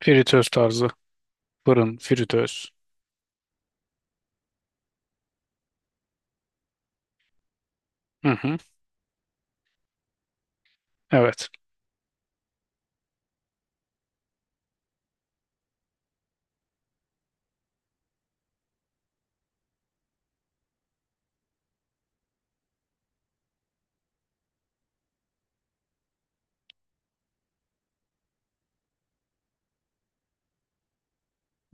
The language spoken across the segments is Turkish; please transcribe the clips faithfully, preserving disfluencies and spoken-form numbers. Fritöz tarzı. Fırın, fritöz. Hı hı. Evet.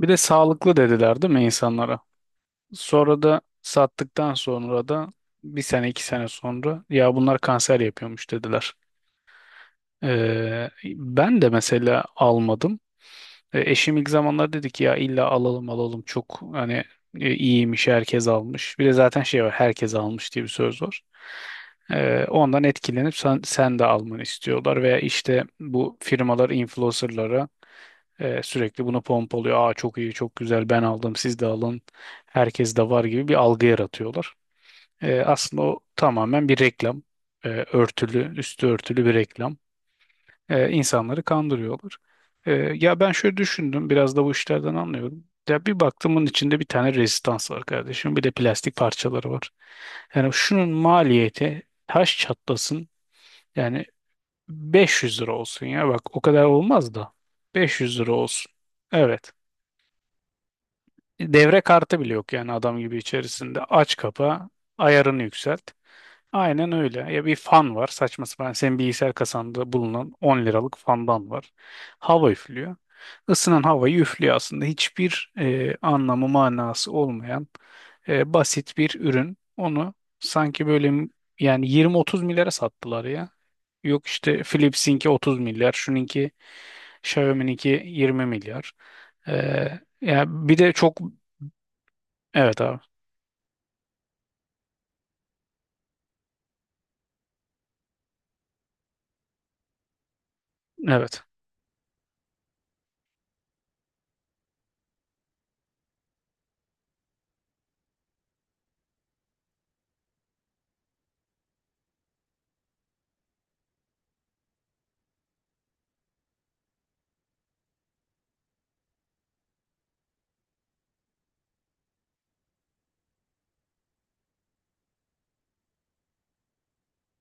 Bir de sağlıklı dediler değil mi insanlara? Sonra da sattıktan sonra da bir sene iki sene sonra ya bunlar kanser yapıyormuş dediler. Ee, ben de mesela almadım. E, eşim ilk zamanlar dedi ki ya illa alalım alalım çok hani e, iyiymiş, herkes almış. Bir de zaten şey var herkes almış diye bir söz var. Ee, ondan etkilenip sen, sen de almanı istiyorlar veya işte bu firmalar influencerlara Ee, sürekli bunu pompalıyor. Aa, çok iyi, çok güzel, ben aldım, siz de alın. Herkes de var gibi bir algı yaratıyorlar. Ee, aslında o tamamen bir reklam. Ee, örtülü, üstü örtülü bir reklam. Ee, insanları kandırıyorlar. Ee, ya ben şöyle düşündüm, biraz da bu işlerden anlıyorum. Ya bir baktım bunun içinde bir tane rezistans var kardeşim. Bir de plastik parçaları var. Yani şunun maliyeti taş çatlasın, yani beş yüz lira olsun, ya bak o kadar olmaz da beş yüz lira olsun. Evet. Devre kartı bile yok yani adam gibi içerisinde. Aç kapa, ayarını yükselt. Aynen öyle. Ya bir fan var saçma sapan. Senin bilgisayar kasanda bulunan on liralık fandan var. Hava üflüyor. Isınan havayı üflüyor aslında. Hiçbir e, anlamı manası olmayan e, basit bir ürün. Onu sanki böyle m- yani yirmi otuz milyara sattılar ya. Yok işte Philips'inki otuz milyar, şununki Xiaomi'ninki yirmi milyar. Ee, yani bir de çok. Evet abi. Evet.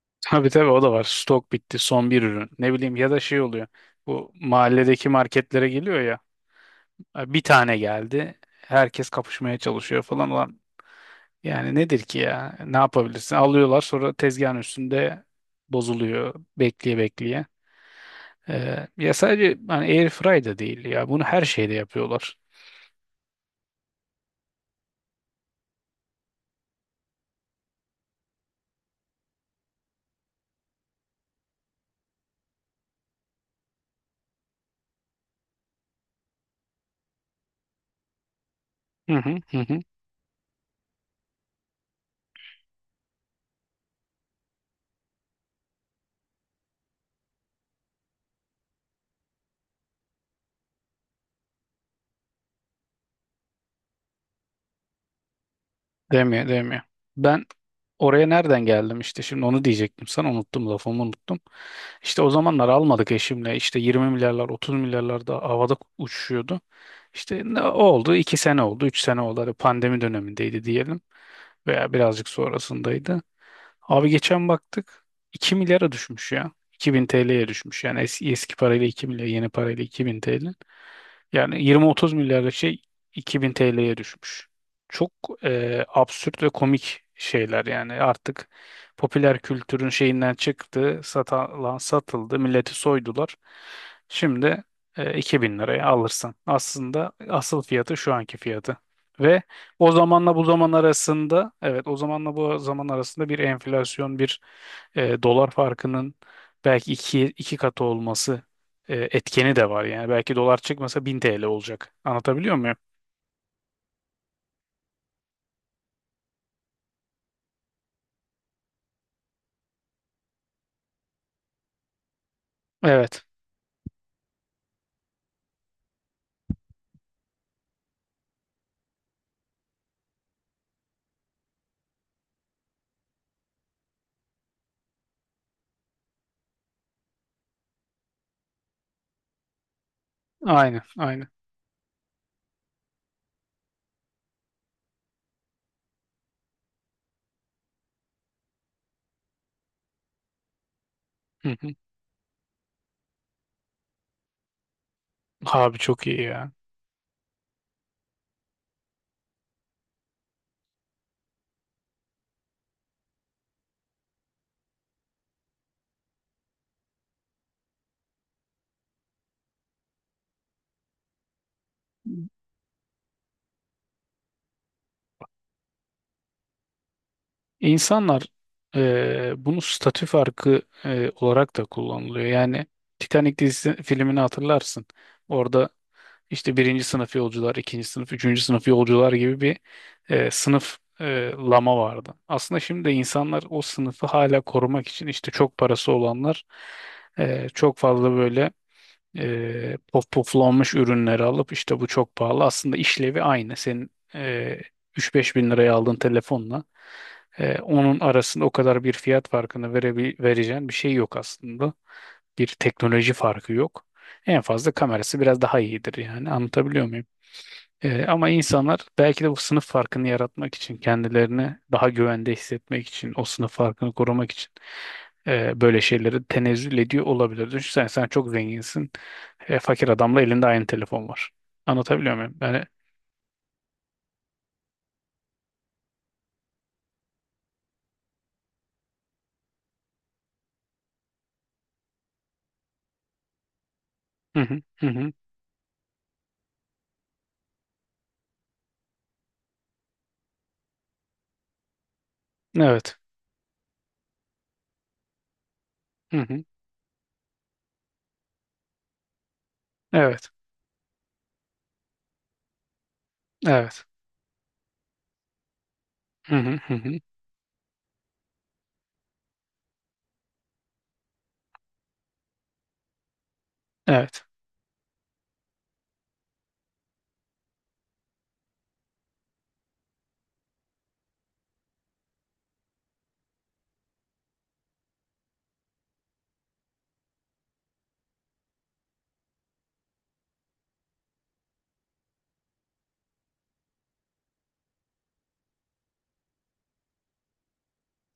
Tabii tabii, o da var. Stok bitti. Son bir ürün. Ne bileyim, ya da şey oluyor. Bu mahalledeki marketlere geliyor ya. Bir tane geldi. Herkes kapışmaya çalışıyor falan. Ulan yani nedir ki ya? Ne yapabilirsin? Alıyorlar, sonra tezgahın üstünde bozuluyor. Bekleye bekleye. Ee, ya sadece hani air fry da değil ya. Bunu her şeyde yapıyorlar. Hı hı hı, hı. Demiyor, demiyor. Ben oraya nereden geldim işte, şimdi onu diyecektim sana, unuttum, lafımı unuttum. İşte o zamanlar almadık eşimle, işte yirmi milyarlar otuz milyarlar da havada uçuşuyordu. İşte ne oldu, iki sene oldu, üç sene oldu. Hadi pandemi dönemindeydi diyelim veya birazcık sonrasındaydı. Abi geçen baktık iki milyara düşmüş ya, iki bin T L'ye düşmüş, yani es- eski parayla iki milyar, yeni parayla iki bin T L. Yani yirmi otuz milyarlık şey iki bin T L'ye düşmüş. Çok e, absürt ve komik şeyler yani, artık popüler kültürün şeyinden çıktı, satılan satıldı, milleti soydular. Şimdi e, iki bin liraya alırsın. Aslında asıl fiyatı şu anki fiyatı. Ve o zamanla bu zaman arasında, evet, o zamanla bu zaman arasında bir enflasyon, bir e, dolar farkının belki iki, iki katı olması e, etkeni de var. Yani belki dolar çıkmasa bin T L olacak. Anlatabiliyor muyum? Evet. Aynı. Aynı. Hı hı. Abi çok iyi ya. İnsanlar eee, bunu statü farkı eee, olarak da kullanılıyor. Yani Titanic dizisi filmini hatırlarsın. Orada, İşte birinci sınıf yolcular, ikinci sınıf, üçüncü sınıf yolcular gibi bir e, sınıf e, lama vardı. Aslında şimdi de insanlar o sınıfı hala korumak için, işte çok parası olanlar e, çok fazla böyle e, puf puflanmış ürünleri alıp, işte bu çok pahalı. Aslında işlevi aynı. Senin e, üç beş bin liraya aldığın telefonla e, onun arasında o kadar bir fiyat farkını verebil vereceğin bir şey yok aslında, bir teknoloji farkı yok. En fazla kamerası biraz daha iyidir yani, anlatabiliyor muyum? Ee, ama insanlar belki de bu sınıf farkını yaratmak için, kendilerini daha güvende hissetmek için, o sınıf farkını korumak için e, böyle şeyleri tenezzül ediyor olabilir. Düşünsene, sen çok zenginsin, e, fakir adamla elinde aynı telefon var. Anlatabiliyor muyum? Yani. Hı hı hı hı. Evet. Hı hı. Evet. Evet. Hı hı hı hı. Evet.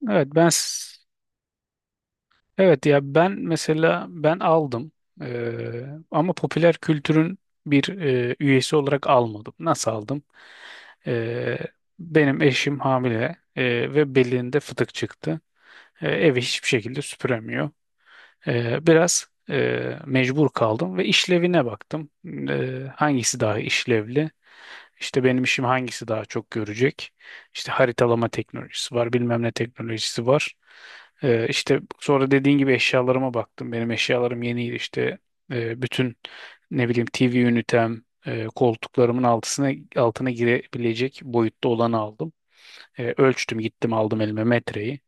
Evet, ben s- Evet, ya ben mesela, ben aldım. Ee, ama popüler kültürün bir e, üyesi olarak almadım. Nasıl aldım? Ee, benim eşim hamile, e, ve belinde fıtık çıktı. Ee, evi hiçbir şekilde süpüremiyor. Ee, biraz e, mecbur kaldım ve işlevine baktım. Ee, hangisi daha işlevli? İşte benim işim hangisi daha çok görecek? İşte haritalama teknolojisi var, bilmem ne teknolojisi var. Ee, işte sonra dediğin gibi eşyalarıma baktım. Benim eşyalarım yeniydi işte. Ee, bütün ne bileyim T V ünitem, e, koltuklarımın altısına, altına girebilecek boyutta olanı aldım. Ee, ölçtüm, gittim, aldım elime metreyi.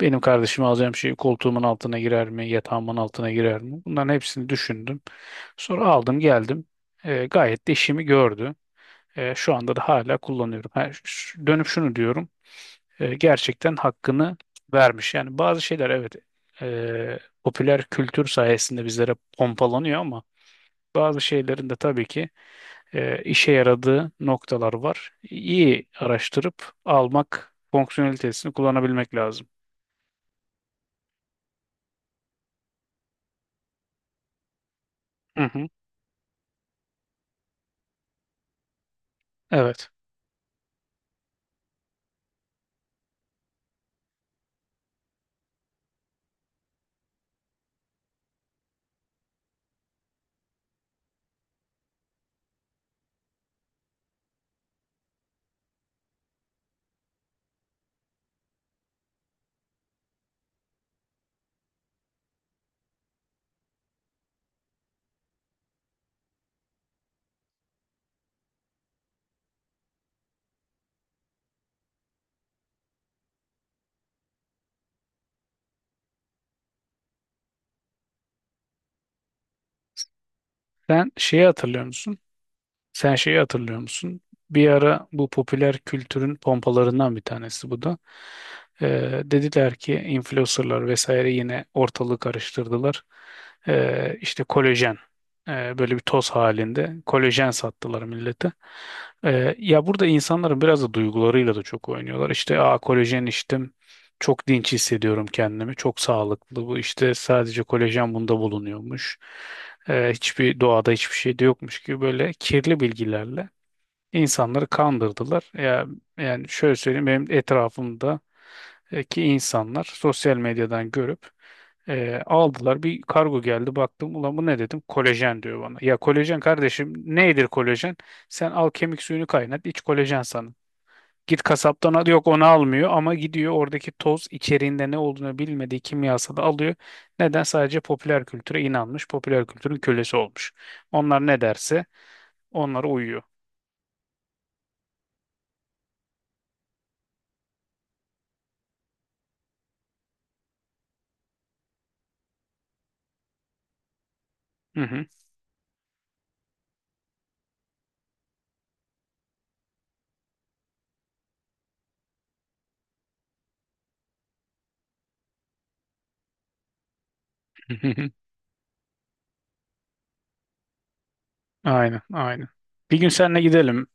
Benim kardeşime alacağım şey koltuğumun altına girer mi, yatağımın altına girer mi? Bunların hepsini düşündüm. Sonra aldım geldim. Ee, gayet de işimi gördü. E, şu anda da hala kullanıyorum. Ha, ş- dönüp şunu diyorum. e, gerçekten hakkını vermiş. Yani bazı şeyler evet, e, popüler kültür sayesinde bizlere pompalanıyor, ama bazı şeylerin de tabii ki e, işe yaradığı noktalar var. İyi araştırıp almak, fonksiyonelitesini kullanabilmek lazım. Hı hı. Evet. Sen şeyi hatırlıyor musun? Sen şeyi hatırlıyor musun? Bir ara bu popüler kültürün pompalarından bir tanesi bu da. Ee, dediler ki influencerlar vesaire yine ortalığı karıştırdılar. Ee, işte kolajen, e, böyle bir toz halinde kolajen sattılar millete. Ee, ya burada insanların biraz da duygularıyla da çok oynuyorlar. İşte aa kolajen içtim. Çok dinç hissediyorum kendimi. Çok sağlıklı bu. İşte sadece kolajen bunda bulunuyormuş. Ee, hiçbir doğada hiçbir şey de yokmuş gibi, böyle kirli bilgilerle insanları kandırdılar. Ya, yani şöyle söyleyeyim, benim etrafımda e, ki insanlar sosyal medyadan görüp e, aldılar, bir kargo geldi, baktım ulan bu ne dedim, kolajen diyor bana. Ya kolajen, kardeşim, nedir kolajen? Sen al kemik suyunu kaynat, iç, kolajen sana. Git kasaptan al. Yok, onu almıyor ama gidiyor, oradaki toz içeriğinde ne olduğunu bilmediği kimyasalı alıyor. Neden? Sadece popüler kültüre inanmış. Popüler kültürün kölesi olmuş. Onlar ne derse onlara uyuyor. Hı hı. Aynen, aynen. Bir gün seninle gidelim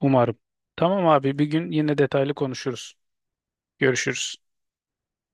umarım. Tamam abi, bir gün yine detaylı konuşuruz. Görüşürüz.